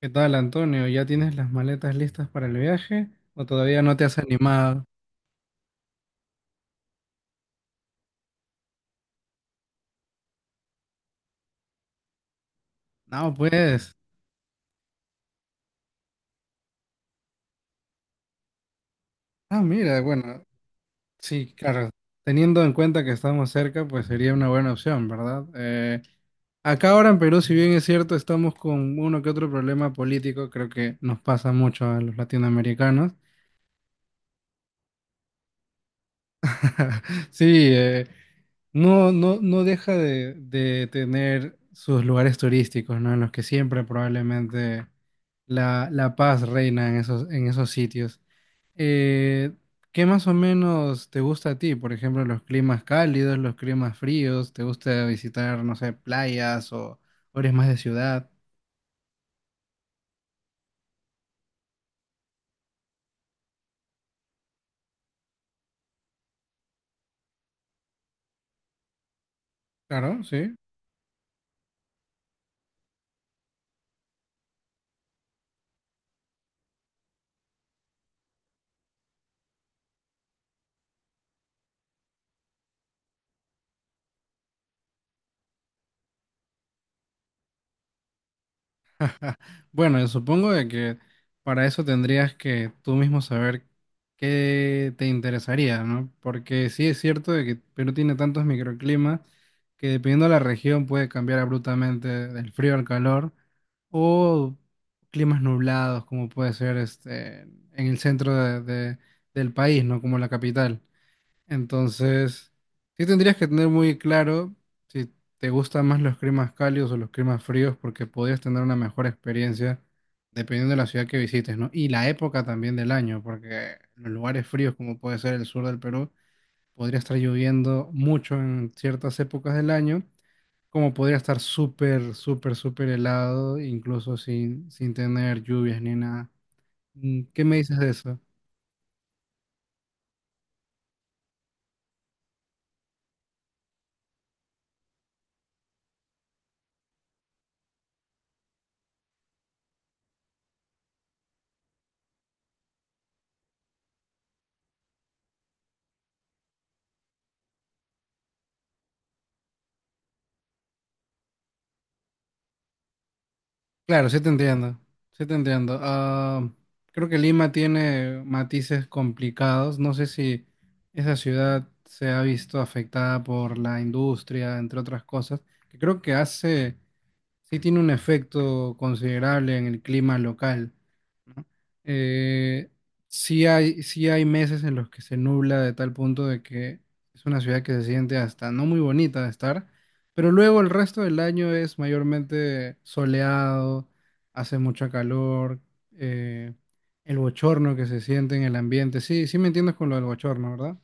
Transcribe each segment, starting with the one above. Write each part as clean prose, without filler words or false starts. ¿Qué tal, Antonio? ¿Ya tienes las maletas listas para el viaje o todavía no te has animado? No, pues. Ah, mira, bueno, sí, claro. Teniendo en cuenta que estamos cerca, pues sería una buena opción, ¿verdad? Acá ahora en Perú, si bien es cierto, estamos con uno que otro problema político, creo que nos pasa mucho a los latinoamericanos. Sí, eh, no, no, no deja de tener sus lugares turísticos, ¿no? En los que siempre probablemente la paz reina en esos sitios. Eh, ¿Qué más o menos te gusta a ti? Por ejemplo, los climas cálidos, los climas fríos, ¿te gusta visitar, no sé, playas o eres más de ciudad? Claro, sí. Bueno, yo supongo de que para eso tendrías que tú mismo saber qué te interesaría, ¿no? Porque sí es cierto de que Perú tiene tantos microclimas que dependiendo de la región puede cambiar abruptamente del frío al calor o climas nublados como puede ser este en el del país, ¿no? Como la capital. Entonces, sí tendrías que tener muy claro si te gustan más los climas cálidos o los climas fríos, porque podrías tener una mejor experiencia dependiendo de la ciudad que visites, ¿no? Y la época también del año, porque en los lugares fríos, como puede ser el sur del Perú, podría estar lloviendo mucho en ciertas épocas del año, como podría estar súper, súper, súper helado, incluso sin, sin tener lluvias ni nada. Mm, ¿qué me dices de eso? Claro, sí te entiendo, sí te entiendo. Ah, creo que Lima tiene matices complicados. No sé si esa ciudad se ha visto afectada por la industria, entre otras cosas, que creo que hace sí tiene un efecto considerable en el clima local, ¿no? Eh, sí hay meses en los que se nubla de tal punto de que es una ciudad que se siente hasta no muy bonita de estar, pero luego el resto del año es mayormente soleado, hace mucho calor, eh, el bochorno que se siente en el ambiente. Sí, sí me entiendes con lo del bochorno, ¿verdad?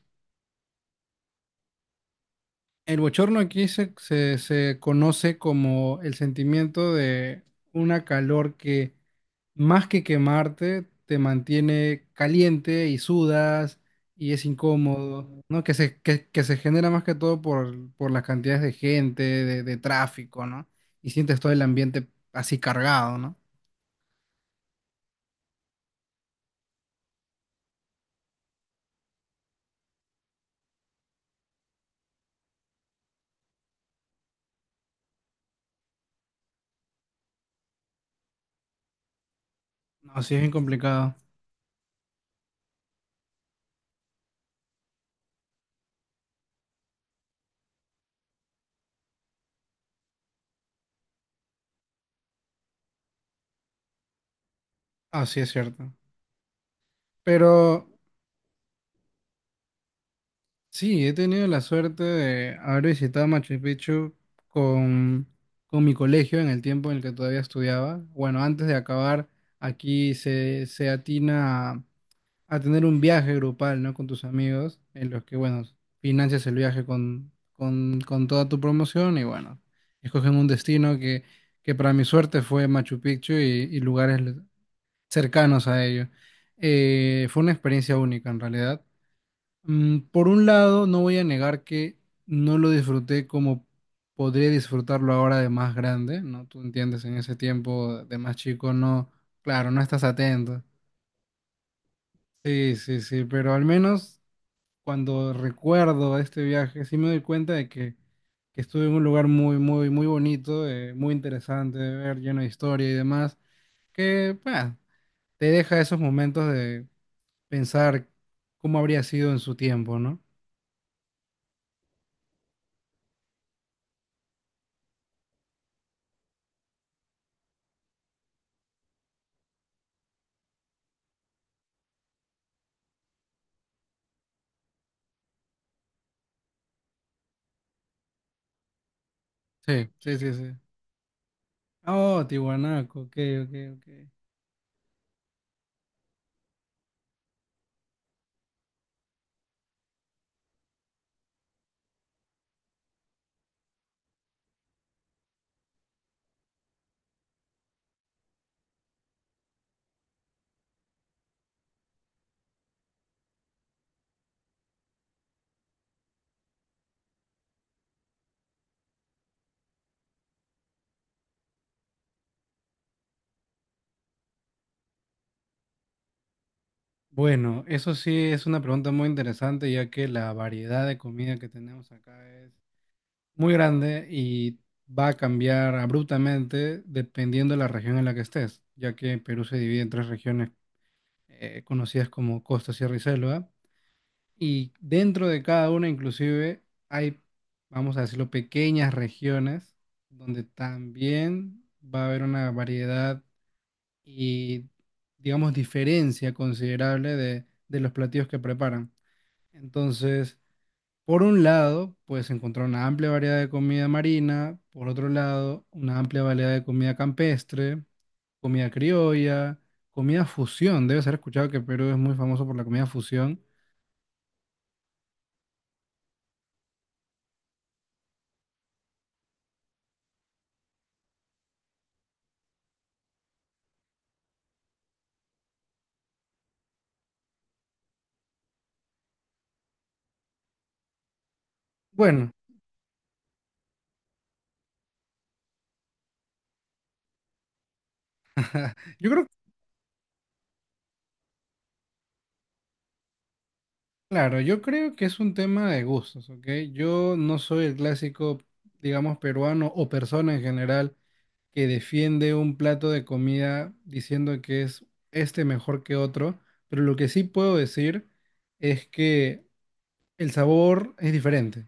El bochorno aquí se conoce como el sentimiento de una calor que más que quemarte, te mantiene caliente y sudas y es incómodo, ¿no? Que se genera más que todo por las cantidades de gente, de tráfico, ¿no? Y sientes todo el ambiente así cargado, ¿no? Así es bien complicado. Así es cierto. Pero sí, he tenido la suerte de haber visitado Machu Picchu con, con mi colegio en el tiempo en el que todavía estudiaba. Bueno, antes de acabar, aquí se atina a tener un viaje grupal, ¿no? Con tus amigos, en los que, bueno, financias el viaje con toda tu promoción y, bueno, escogen un destino que para mi suerte fue Machu Picchu y lugares cercanos a ello. Fue una experiencia única, en realidad. Mm, por un lado, no voy a negar que no lo disfruté como podría disfrutarlo ahora de más grande, ¿no? Tú entiendes, en ese tiempo de más chico no, claro, no estás atento. Sí, sí, sí, pero al menos cuando recuerdo este viaje, sí me doy cuenta de que estuve en un lugar muy, muy, muy bonito, muy interesante de ver, lleno de historia y demás, que, bah, te deja esos momentos de pensar cómo habría sido en su tiempo, ¿no? Sí, sí, sí, sí. Oh, Tiwanaco, ok, ok, ok. Bueno, eso sí es una pregunta muy interesante, ya que la variedad de comida que tenemos acá es muy grande y va a cambiar abruptamente dependiendo de la región en la que estés, ya que Perú se divide en tres regiones conocidas como Costa, Sierra y Selva, y dentro de cada una inclusive hay, vamos a decirlo, pequeñas regiones donde también va a haber una variedad y, digamos, diferencia considerable de los platillos que preparan. Entonces, por un lado, puedes encontrar una amplia variedad de comida marina, por otro lado, una amplia variedad de comida campestre, comida criolla, comida fusión. Debes haber escuchado que Perú es muy famoso por la comida fusión. Bueno, yo creo, claro, yo creo que es un tema de gustos, ¿ok? Yo no soy el clásico, digamos, peruano o persona en general que defiende un plato de comida diciendo que es este mejor que otro, pero lo que sí puedo decir es que el sabor es diferente.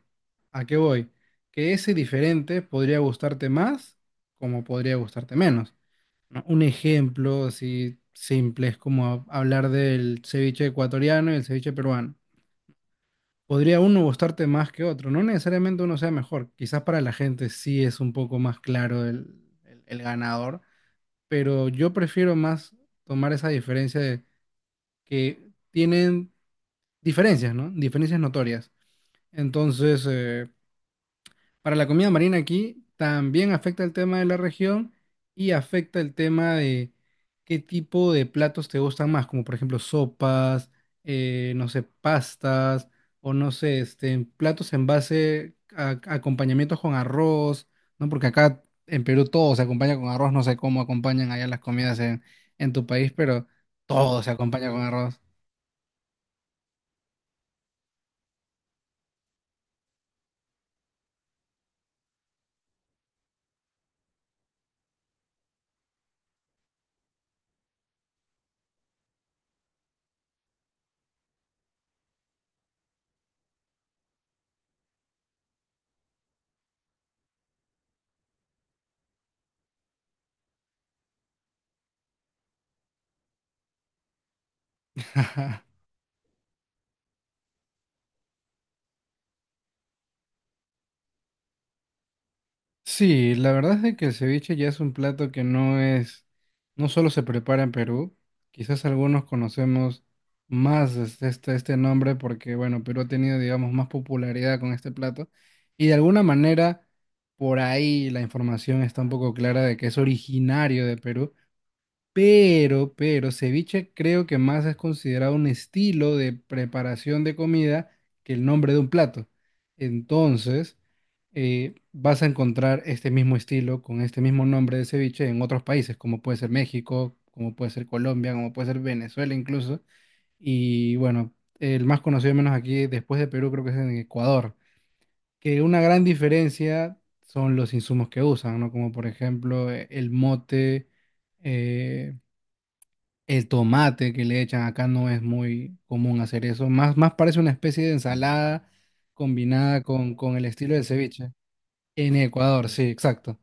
¿A qué voy? Que ese diferente podría gustarte más como podría gustarte menos, ¿no? Un ejemplo así simple es como hablar del ceviche ecuatoriano y el ceviche peruano. Podría uno gustarte más que otro, no necesariamente uno sea mejor, quizás para la gente sí es un poco más claro el ganador, pero yo prefiero más tomar esa diferencia de que tienen diferencias, ¿no? Diferencias notorias. Entonces, para la comida marina aquí también afecta el tema de la región y afecta el tema de qué tipo de platos te gustan más, como por ejemplo sopas, no sé, pastas o no sé, este, platos en base a acompañamientos con arroz, ¿no? Porque acá en Perú todo se acompaña con arroz, no sé cómo acompañan allá las comidas en tu país, pero todo se acompaña con arroz. Sí, la verdad es de que el ceviche ya es un plato que no es, no solo se prepara en Perú, quizás algunos conocemos más este, este, este nombre porque, bueno, Perú ha tenido, digamos, más popularidad con este plato y de alguna manera por ahí la información está un poco clara de que es originario de Perú, pero, ceviche creo que más es considerado un estilo de preparación de comida que el nombre de un plato. Entonces, vas a encontrar este mismo estilo con este mismo nombre de ceviche en otros países, como puede ser México, como puede ser Colombia, como puede ser Venezuela incluso. Y bueno, el más conocido, al menos aquí, después de Perú, creo que es en Ecuador. Que una gran diferencia son los insumos que usan, ¿no? Como por ejemplo el mote. eh, el tomate que le echan acá no es muy común hacer eso. Más, más parece una especie de ensalada combinada con el estilo del ceviche. En Ecuador, sí, exacto.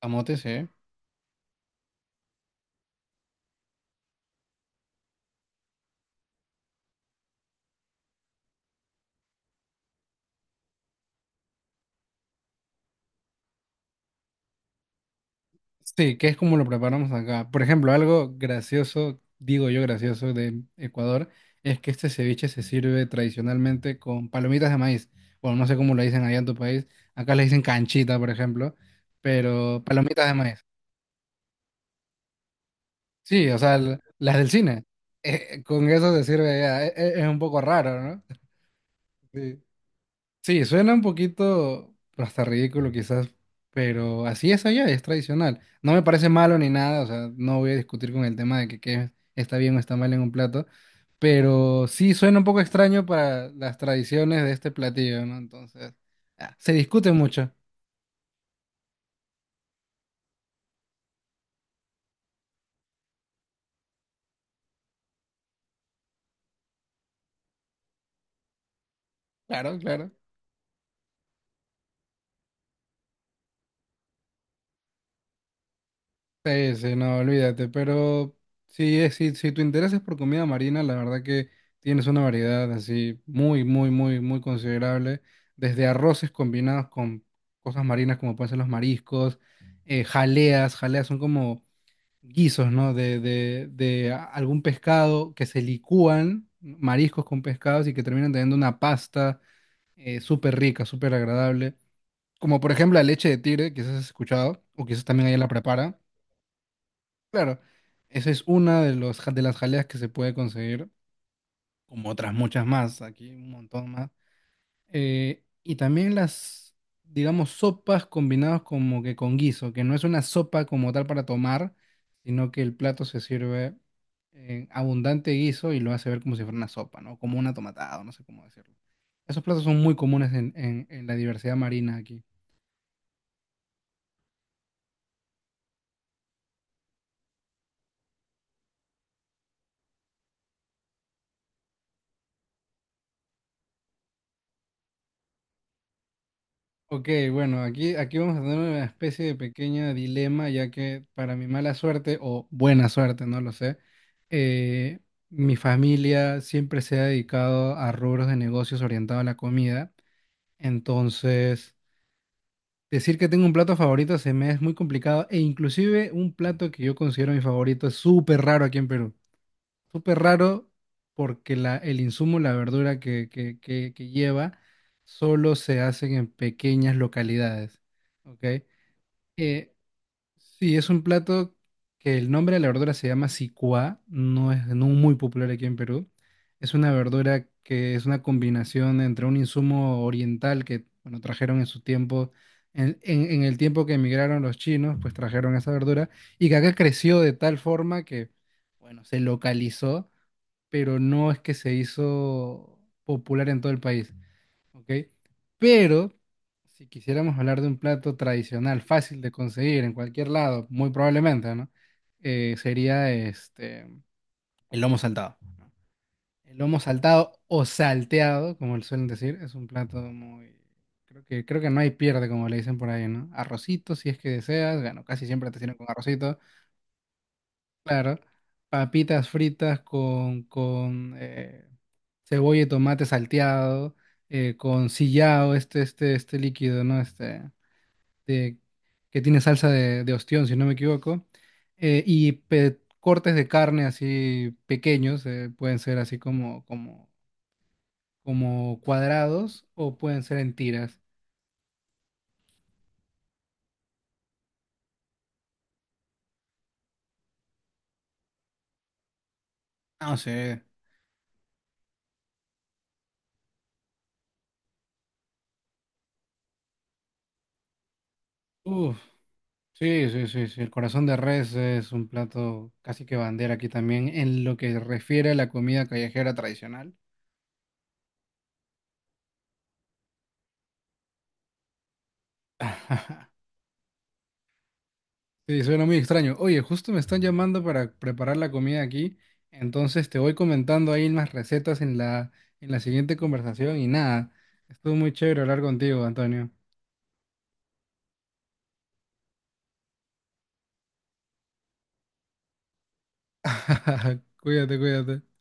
Camote, sí. Sí, que es como lo preparamos acá. Por ejemplo, algo gracioso, digo yo gracioso, de Ecuador, es que este ceviche se sirve tradicionalmente con palomitas de maíz. Bueno, no sé cómo lo dicen allá en tu país. Acá le dicen canchita, por ejemplo, pero palomitas de maíz. Sí, o sea, las del cine. Con eso se sirve ya. Es, un poco raro, ¿no? Sí. Sí, suena un poquito pues, hasta ridículo quizás, pero así es allá, es tradicional. No me parece malo ni nada, o sea, no voy a discutir con el tema de que qué está bien o está mal en un plato, pero sí suena un poco extraño para las tradiciones de este platillo, ¿no? Entonces, ah, se discute mucho. Claro, claro. Sí, sí, no, olvídate, pero sí, si, si tu interés es por comida marina, la verdad que tienes una variedad así muy, muy, muy, muy considerable, desde arroces combinados con cosas marinas como pueden ser los mariscos, jaleas, jaleas son como guisos, ¿no? De algún pescado que se licúan, mariscos con pescados y que terminan teniendo una pasta súper rica, súper agradable, como por ejemplo la leche de tigre, quizás has escuchado, o quizás también ella la prepara. Claro, esa es una de los, de las jaleas que se puede conseguir, como otras muchas más, aquí un montón más. Y también las, digamos, sopas combinadas como que con guiso, que no es una sopa como tal para tomar, sino que el plato se sirve en abundante guiso y lo hace ver como si fuera una sopa, ¿no? Como una tomatada, no sé cómo decirlo. Esos platos son muy comunes en la diversidad marina aquí. Ok, bueno, aquí, aquí vamos a tener una especie de pequeño dilema, ya que para mi mala suerte o buena suerte, no lo sé, eh, mi familia siempre se ha dedicado a rubros de negocios orientados a la comida. Entonces, decir que tengo un plato favorito se me es muy complicado e inclusive un plato que yo considero mi favorito es súper raro aquí en Perú. Súper raro porque la, el insumo, la verdura que lleva, solo se hacen en pequeñas localidades. ¿Ok? Eh, sí, es un plato que el nombre de la verdura se llama sicuá, no es no muy popular aquí en Perú. Es una verdura que es una combinación entre un insumo oriental que, bueno, trajeron en su tiempo, en el tiempo que emigraron los chinos, pues trajeron esa verdura y que acá creció de tal forma que, bueno, se localizó pero no es que se hizo popular en todo el país, ¿ok? Pero si quisiéramos hablar de un plato tradicional, fácil de conseguir en cualquier lado, muy probablemente, ¿no? Sería este, el lomo saltado. ¿No? El lomo saltado o salteado, como le suelen decir, es un plato muy... creo que no hay pierde, como le dicen por ahí, ¿no? Arrocito, si es que deseas, bueno, casi siempre te sirven con arrocito. Claro, papitas fritas con cebolla y tomate salteado, con sillao, este líquido, ¿no? Este, de- que tiene salsa de ostión, si no me equivoco. Cortes de carne así pequeños, pueden ser así como, como, como cuadrados o pueden ser en tiras. No sé. Uf. Sí, sí, sí, sí. El corazón de res es un plato casi que bandera aquí también en lo que refiere a la comida callejera tradicional. Sí, suena muy extraño. Oye, justo me están llamando para preparar la comida aquí, entonces te voy comentando ahí las recetas en la siguiente conversación y nada, estuvo muy chévere hablar contigo, Antonio. Cuídate, cuídate.